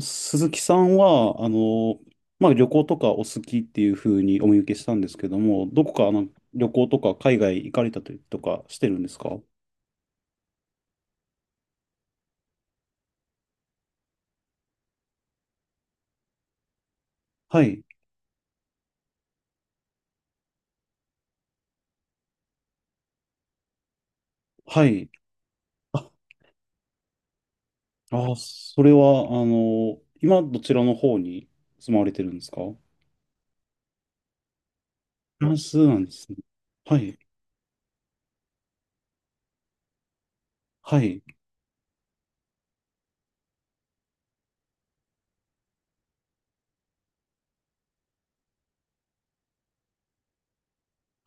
鈴木さんは、まあ、旅行とかお好きっていうふうにお見受けしたんですけども、どこか旅行とか海外行かれたりとかしてるんですか？はい。はい。あ、あ、それは、今どちらの方に住まわれてるんですか？フランスなんですね。はい。はい。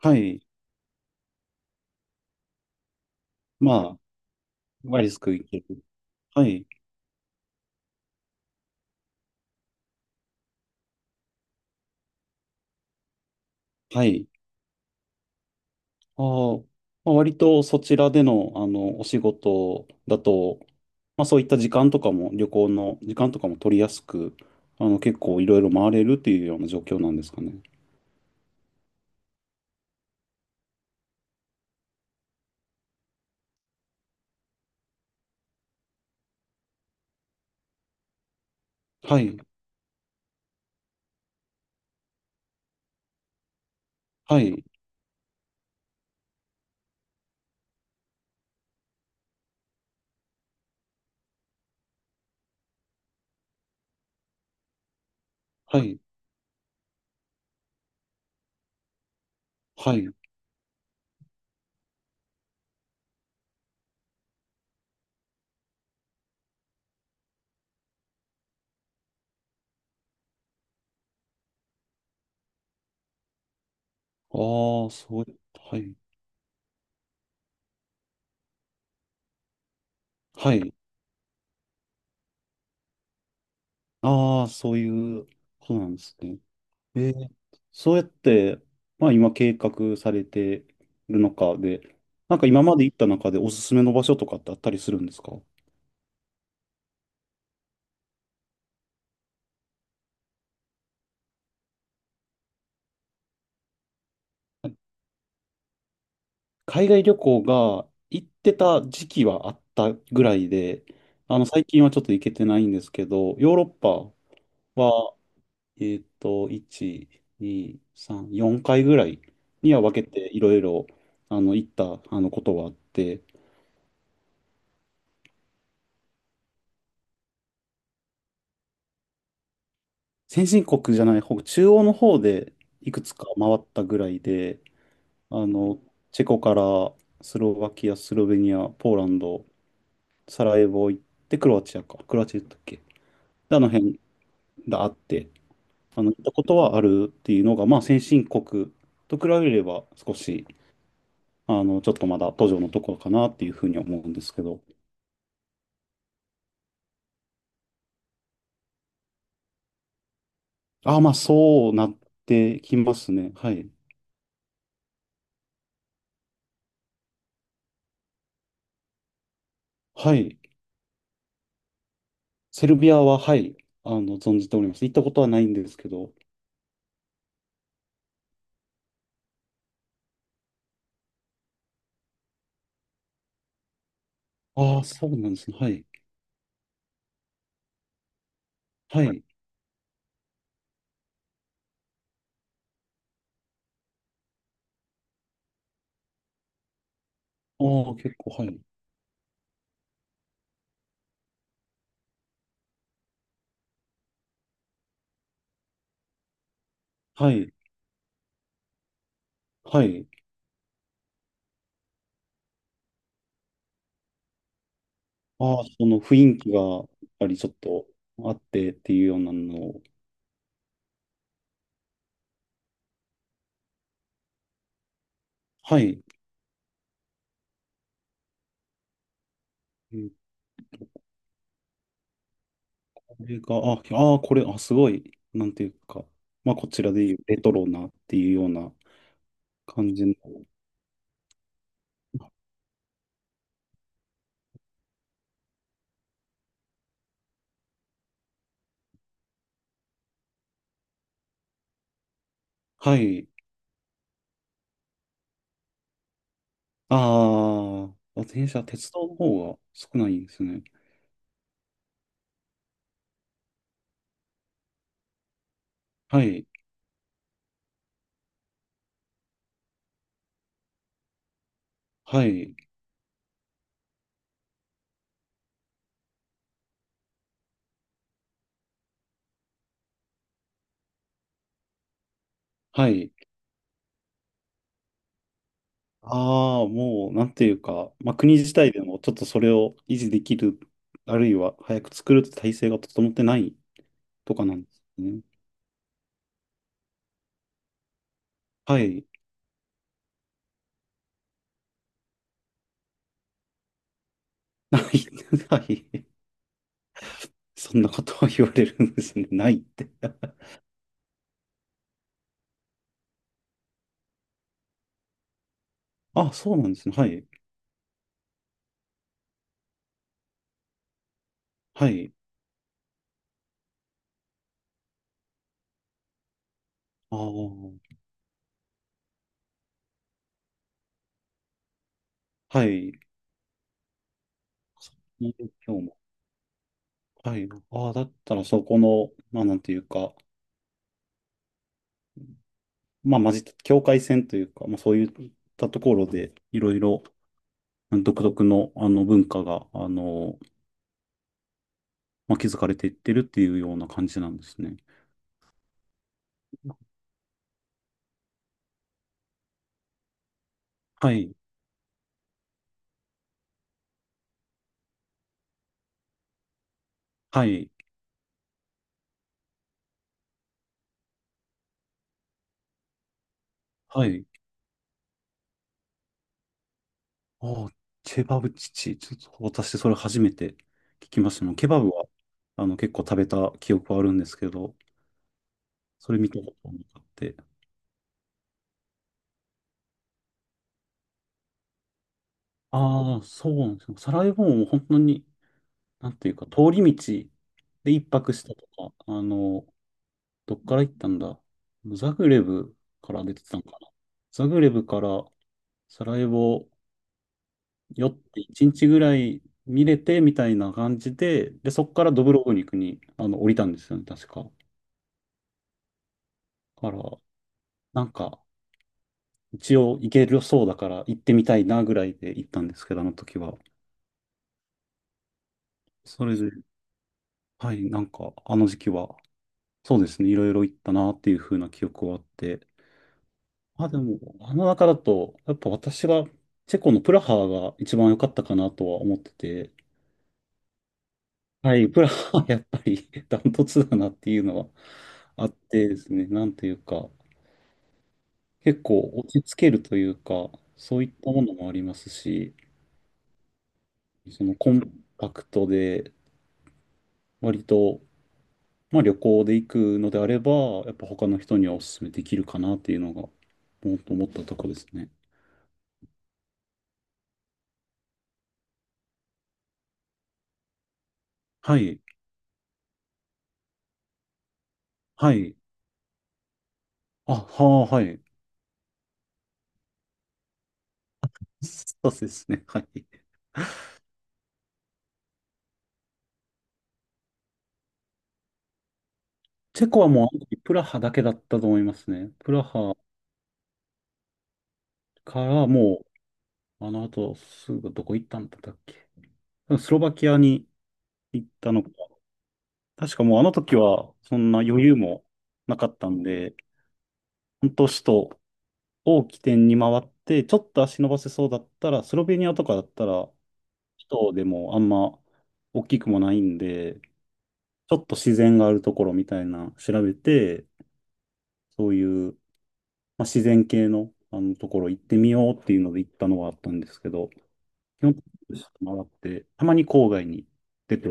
はい。まあ、ワイリスク行ける。はい。はい。ああ、まあ、割とそちらでの、お仕事だと、まあそういった時間とかも、旅行の時間とかも取りやすく、結構いろいろ回れるっていうような状況なんですかね。はい、はい、はい、はい。ああ、そう、はい、はい。ああ、そういうことなんですね。えーそうやって、まあ今計画されてるのかで、なんか今まで行った中でおすすめの場所とかってあったりするんですか？海外旅行が行ってた時期はあったぐらいで、最近はちょっと行けてないんですけど、ヨーロッパは、1、2、3、4回ぐらいには分けていろいろ、行った、ことはあって、先進国じゃない方、中央の方でいくつか回ったぐらいで、あの、チェコからスロバキア、スロベニア、ポーランド、サラエボ行って、クロアチアか、クロアチア行ったっけで、あの辺があって、行ったことはあるっていうのが、まあ、先進国と比べれば少し、ちょっとまだ途上のところかなっていうふうに思うんですけど。ああ、まあ、そうなってきますね。はい。はい。セルビアは、はい。存じております。行ったことはないんですけど。ああ、そうなんですね。はい。はい。ああ、結構、はい。はい。はい。ああ、その雰囲気が、やっぱりちょっとあってっていうようなのを。はい。これが、あ、あー、これ、あ、すごい、なんていうか、まあ、こちらでいうレトロなっていうような感じの。はい。ああ、電車、鉄道の方が少ないんですね。はい。はい。はい。ああ、もう、なんていうか、まあ、国自体でもちょっとそれを維持できる、あるいは早く作るって体制が整ってないとかなんですね。はい。ない。はい。そんなことを言われるんですね。ないって。あ、そうなんですね。はい。はい。ああ、はい。今日も。はい。ああ、だったらそこの、まあなんていうか、まあ混じった境界線というか、まあそういったところで、いろいろ独特のあの文化が、まあ、築かれていってるっていうような感じなんですね。はい。はい。はい。ああ、ケバブチチ。ちょっと私それ初めて聞きましたの。ケバブは、あの結構食べた記憶はあるんですけど、それ見たことなくて。ああ、そうなんですよ。サラエボも本当に、なんていうか、通り道で一泊したとか、どっから行ったんだ、ザグレブから出てたのかな。ザグレブからサラエボ寄って一日ぐらい見れてみたいな感じで、で、そこからドブロブニクに降りたんですよね、確か。だから、なんか、一応行けるそうだから行ってみたいなぐらいで行ったんですけど、あの時は。それで、はい、なんか、あの時期は、そうですね、いろいろ行ったなっていう風な記憶はあって、あ、でも、あの中だと、やっぱ私が、チェコのプラハが一番良かったかなとは思ってて、はい、プラハはやっぱり ダントツだなっていうのはあってですね、なんというか、結構落ち着けるというか、そういったものもありますし、そのコンパクトで、割と、まあ旅行で行くのであれば、やっぱ他の人にはお勧めできるかなっていうのが、もっと思ったとこですね。はい、はい、あ、はあ、はい。そうですね、はい。チェコはもうあの時プラハだけだったと思いますね。プラハからもう、あの後すぐどこ行ったんだったっけ。スロバキアに行ったのか。確かもうあの時はそんな余裕もなかったんで、本当首都を起点に回って、ちょっと足伸ばせそうだったら、スロベニアとかだったら、首都でもあんま大きくもないんで、ちょっと自然があるところみたいな調べて、そういうまあ、自然系の、あのところ行ってみようっていうので行ったのはあったんですけど、基本的に回って、たまに郊外に出て、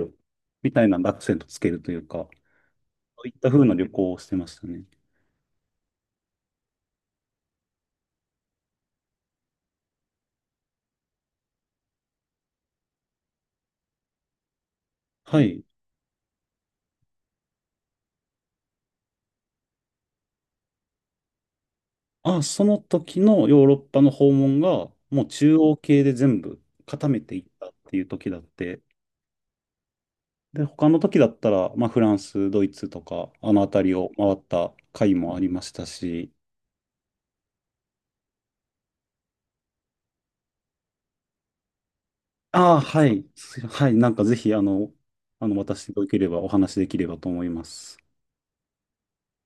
みたいなアクセントつけるというか、そういった風な旅行をしてましたね。はい。あ、その時のヨーロッパの訪問が、もう中央系で全部固めていったっていう時だって、で、他の時だったら、まあ、フランス、ドイツとか、あの辺りを回った回もありましたし、ああ、はい。そはい。なんかぜひ、私でよければお話しできればと思います。